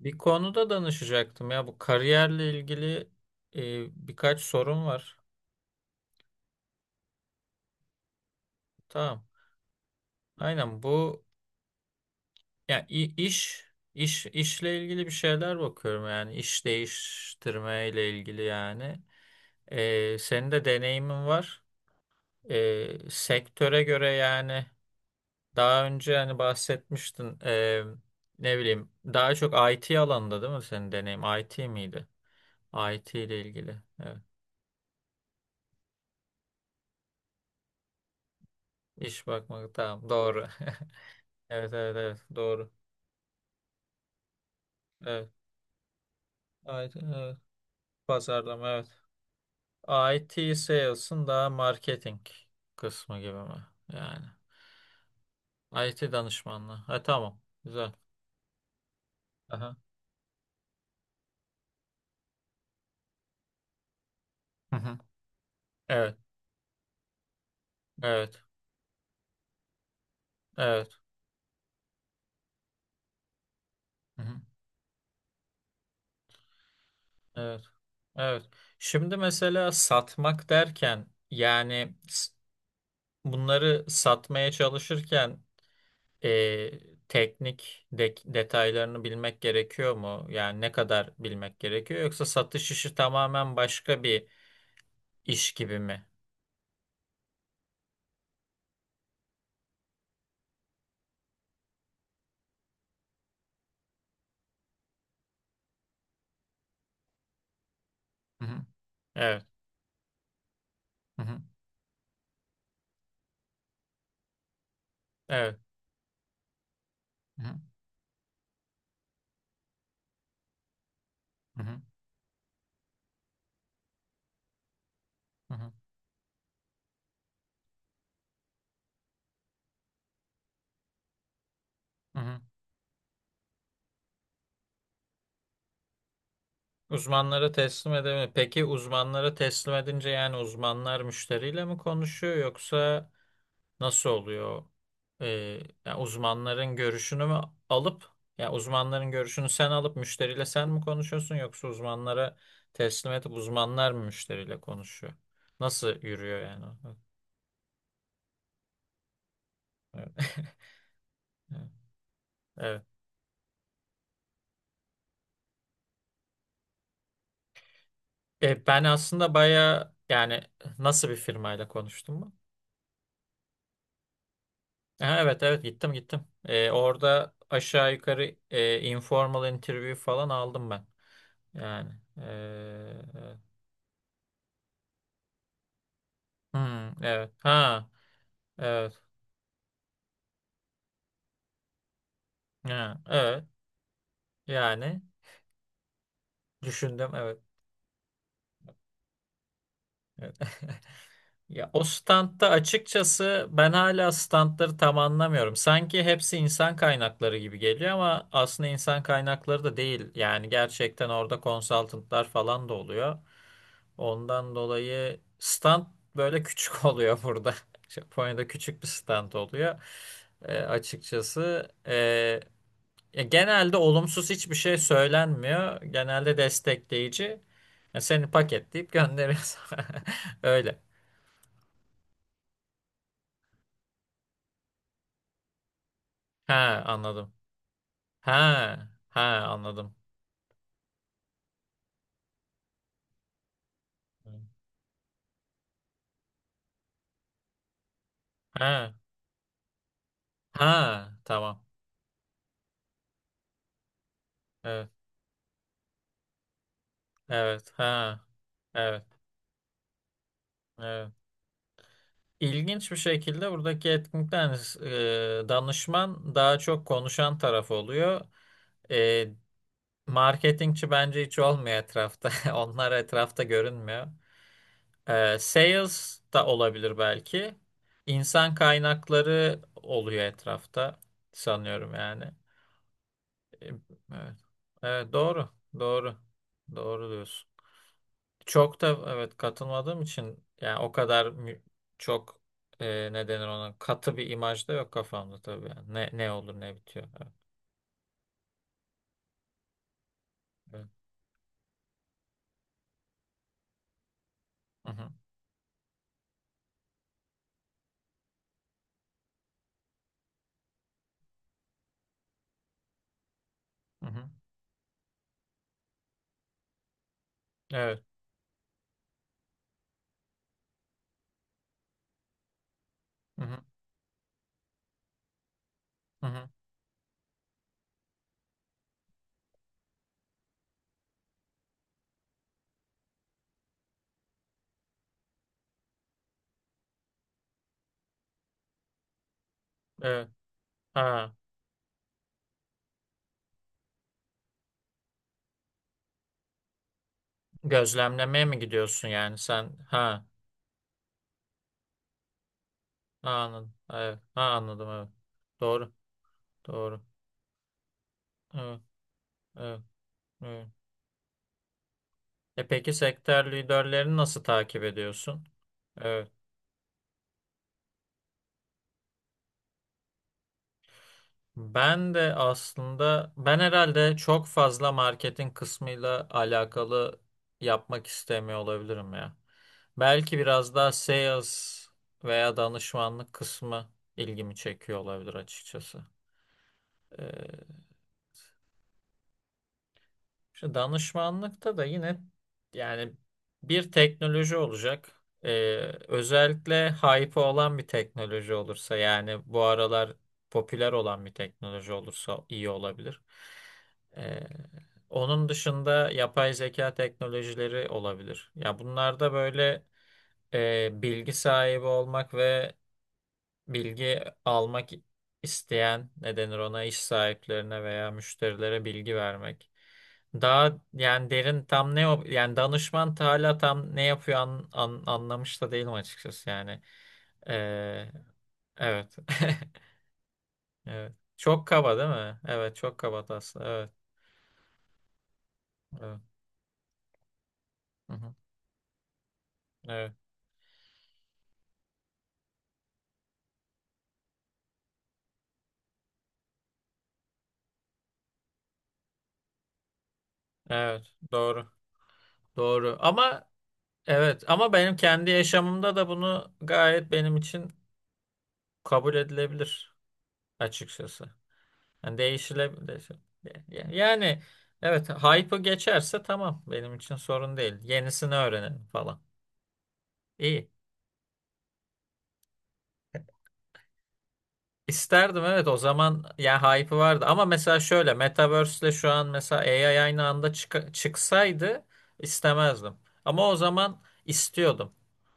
Bir konuda danışacaktım ya, bu kariyerle ilgili birkaç sorun var. Tamam. Aynen bu, yani iş iş işle ilgili bir şeyler bakıyorum, yani iş değiştirme ile ilgili yani. Senin de deneyimin var. Sektöre göre yani, daha önce hani bahsetmiştin, ne bileyim, daha çok IT alanında değil mi senin deneyim? IT miydi? IT ile ilgili. Evet. İş bakmak, tamam, doğru. Evet, evet, evet, doğru. Evet. IT, evet. Pazarlama, evet. IT sales'ın daha marketing kısmı gibi mi? Yani IT danışmanlığı. Ha, tamam. Güzel. Aha. Hı hı. Evet. Evet. Evet. Hı hı. Evet. Evet. Şimdi mesela satmak derken yani, bunları satmaya çalışırken e, teknik detaylarını bilmek gerekiyor mu? Yani ne kadar bilmek gerekiyor? Yoksa satış işi tamamen başka bir iş gibi mi? Hı hı. Evet. Hı hı. Evet. Hı hı. Hı hı. Hı hı. Hı hı. Uzmanlara teslim edemiyor. Peki, uzmanlara teslim edince yani uzmanlar müşteriyle mi konuşuyor yoksa nasıl oluyor? Ee, yani uzmanların görüşünü mü alıp, ya uzmanların görüşünü sen alıp müşteriyle sen mi konuşuyorsun yoksa uzmanlara teslim edip uzmanlar mı müşteriyle konuşuyor? Nasıl yürüyor yani? O? Evet. Evet. Ben aslında baya, yani nasıl bir firmayla konuştum mu? Ha, evet, evet, gittim, gittim. Orada aşağı yukarı informal interview falan aldım ben. Yani e, e, hmm, evet, ha evet. Ha, evet. Yani düşündüm, evet. Evet. Ya, o standta açıkçası ben hala standları tam anlamıyorum. Sanki hepsi insan kaynakları gibi geliyor ama aslında insan kaynakları da değil. Yani gerçekten orada consultantlar falan da oluyor. Ondan dolayı stand böyle küçük oluyor burada. Japonya'da küçük bir stand oluyor. Açıkçası. Ya genelde olumsuz hiçbir şey söylenmiyor. Genelde destekleyici. Ya seni paketleyip gönderiyor. Öyle. Ha, anladım. Ha, ha, anladım. Ha, ha, tamam. Evet. Evet. Ha. Evet. Evet. İlginç bir şekilde buradaki etkinlikten danışman daha çok konuşan taraf oluyor. E, marketingçi bence hiç olmuyor etrafta. Onlar etrafta görünmüyor. Sales da olabilir belki. İnsan kaynakları oluyor etrafta sanıyorum yani. Ee, Evet. Evet, doğru. Doğru. Doğru diyorsun. Çok da evet katılmadığım için yani o kadar çok ne denir ona, katı bir imaj da yok kafamda tabii yani. Ne ne olur, ne bitiyor. Evet. Evet. Hı hı. Hı hı. Evet. Hı hı. Hı hı. Evet. Ha, gözlemlemeye mi gidiyorsun yani sen? Ha. Ha, anladım. Evet. Ha, anladım, evet. Doğru. Doğru. Evet. Evet. Evet. E peki sektör liderlerini nasıl takip ediyorsun? Evet. Ben de aslında ben herhalde çok fazla marketin kısmıyla alakalı yapmak istemiyor olabilirim ya. Belki biraz daha sales veya danışmanlık kısmı ilgimi çekiyor olabilir açıkçası. İşte danışmanlıkta da yine yani bir teknoloji olacak. Ee, özellikle hype olan bir teknoloji olursa, yani bu aralar popüler olan bir teknoloji olursa iyi olabilir. Ee, onun dışında yapay zeka teknolojileri olabilir. Ya bunlarda böyle bilgi sahibi olmak ve bilgi almak isteyen, ne denir ona, iş sahiplerine veya müşterilere bilgi vermek. Daha yani derin tam ne yani danışman ta hala tam ne yapıyor, anlamış da değilim açıkçası yani. Ee, evet. Evet. Çok kaba değil mi? Evet, çok kaba aslında. Evet. Evet. Hı hı. Evet. Evet. Doğru. Doğru. Ama evet, ama benim kendi yaşamımda da bunu gayet benim için kabul edilebilir açıkçası. Yani değişilebilir. Yani evet, hype'ı geçerse tamam, benim için sorun değil. Yenisini öğrenelim falan. İyi. İsterdim evet, o zaman ya hype'ı vardı, ama mesela şöyle Metaverse'le şu an mesela AI aynı anda çıksaydı istemezdim. Ama o zaman istiyordum.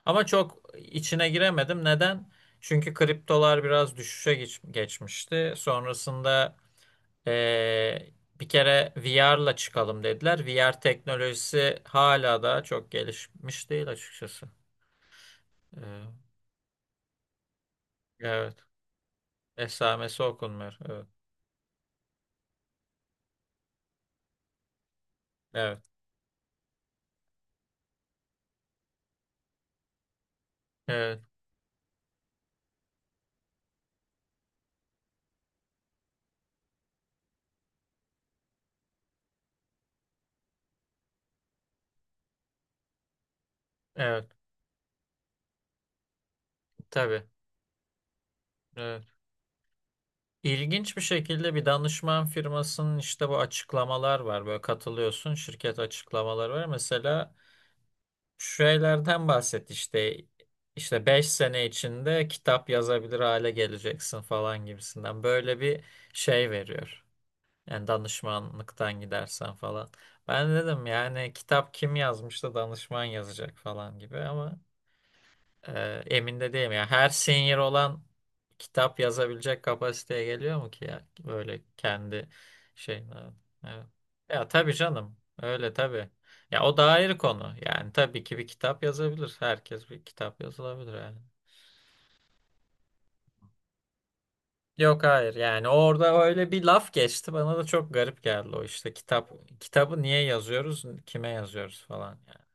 Ama çok içine giremedim. Neden? Çünkü kriptolar biraz düşüşe geçmişti. Sonrasında Ee, bir kere VR'la çıkalım dediler. VR teknolojisi hala da çok gelişmiş değil açıkçası. Ee, evet. Esamesi okunmuyor. Evet. Evet. Evet. Evet. Tabii. Evet. İlginç bir şekilde bir danışman firmasının işte bu açıklamalar var. Böyle katılıyorsun, şirket açıklamaları var. Mesela şu şeylerden bahset işte, 5 sene içinde kitap yazabilir hale geleceksin falan gibisinden. Böyle bir şey veriyor. Yani danışmanlıktan gidersen falan. Ben dedim yani, kitap kim yazmış da danışman yazacak falan gibi, ama emin de değilim. Ya her senior olan kitap yazabilecek kapasiteye geliyor mu ki ya? Böyle kendi şey. Evet. Ya, tabii canım. Öyle tabii. Ya, o da ayrı konu. Yani tabii ki bir kitap yazabilir. Herkes bir kitap yazılabilir yani. Yok, hayır, yani orada öyle bir laf geçti, bana da çok garip geldi o işte, kitabı niye yazıyoruz, kime yazıyoruz falan yani.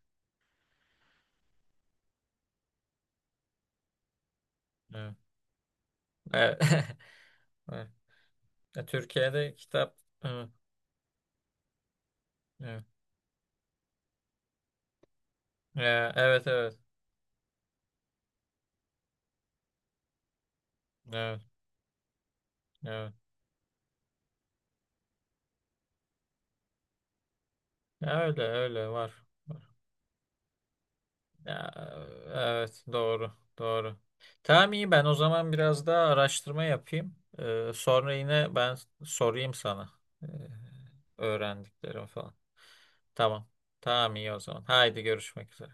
Evet. Evet. Evet. Türkiye'de kitap, evet, evet, E, evet, evet, evet, evet. Ya öyle, öyle var. Ya, evet, doğru, doğru. Tamam, iyi, ben o zaman biraz daha araştırma yapayım. Sonra yine ben sorayım sana. Ee, öğrendiklerim falan. Tamam. Tamam, iyi o zaman. Haydi görüşmek üzere.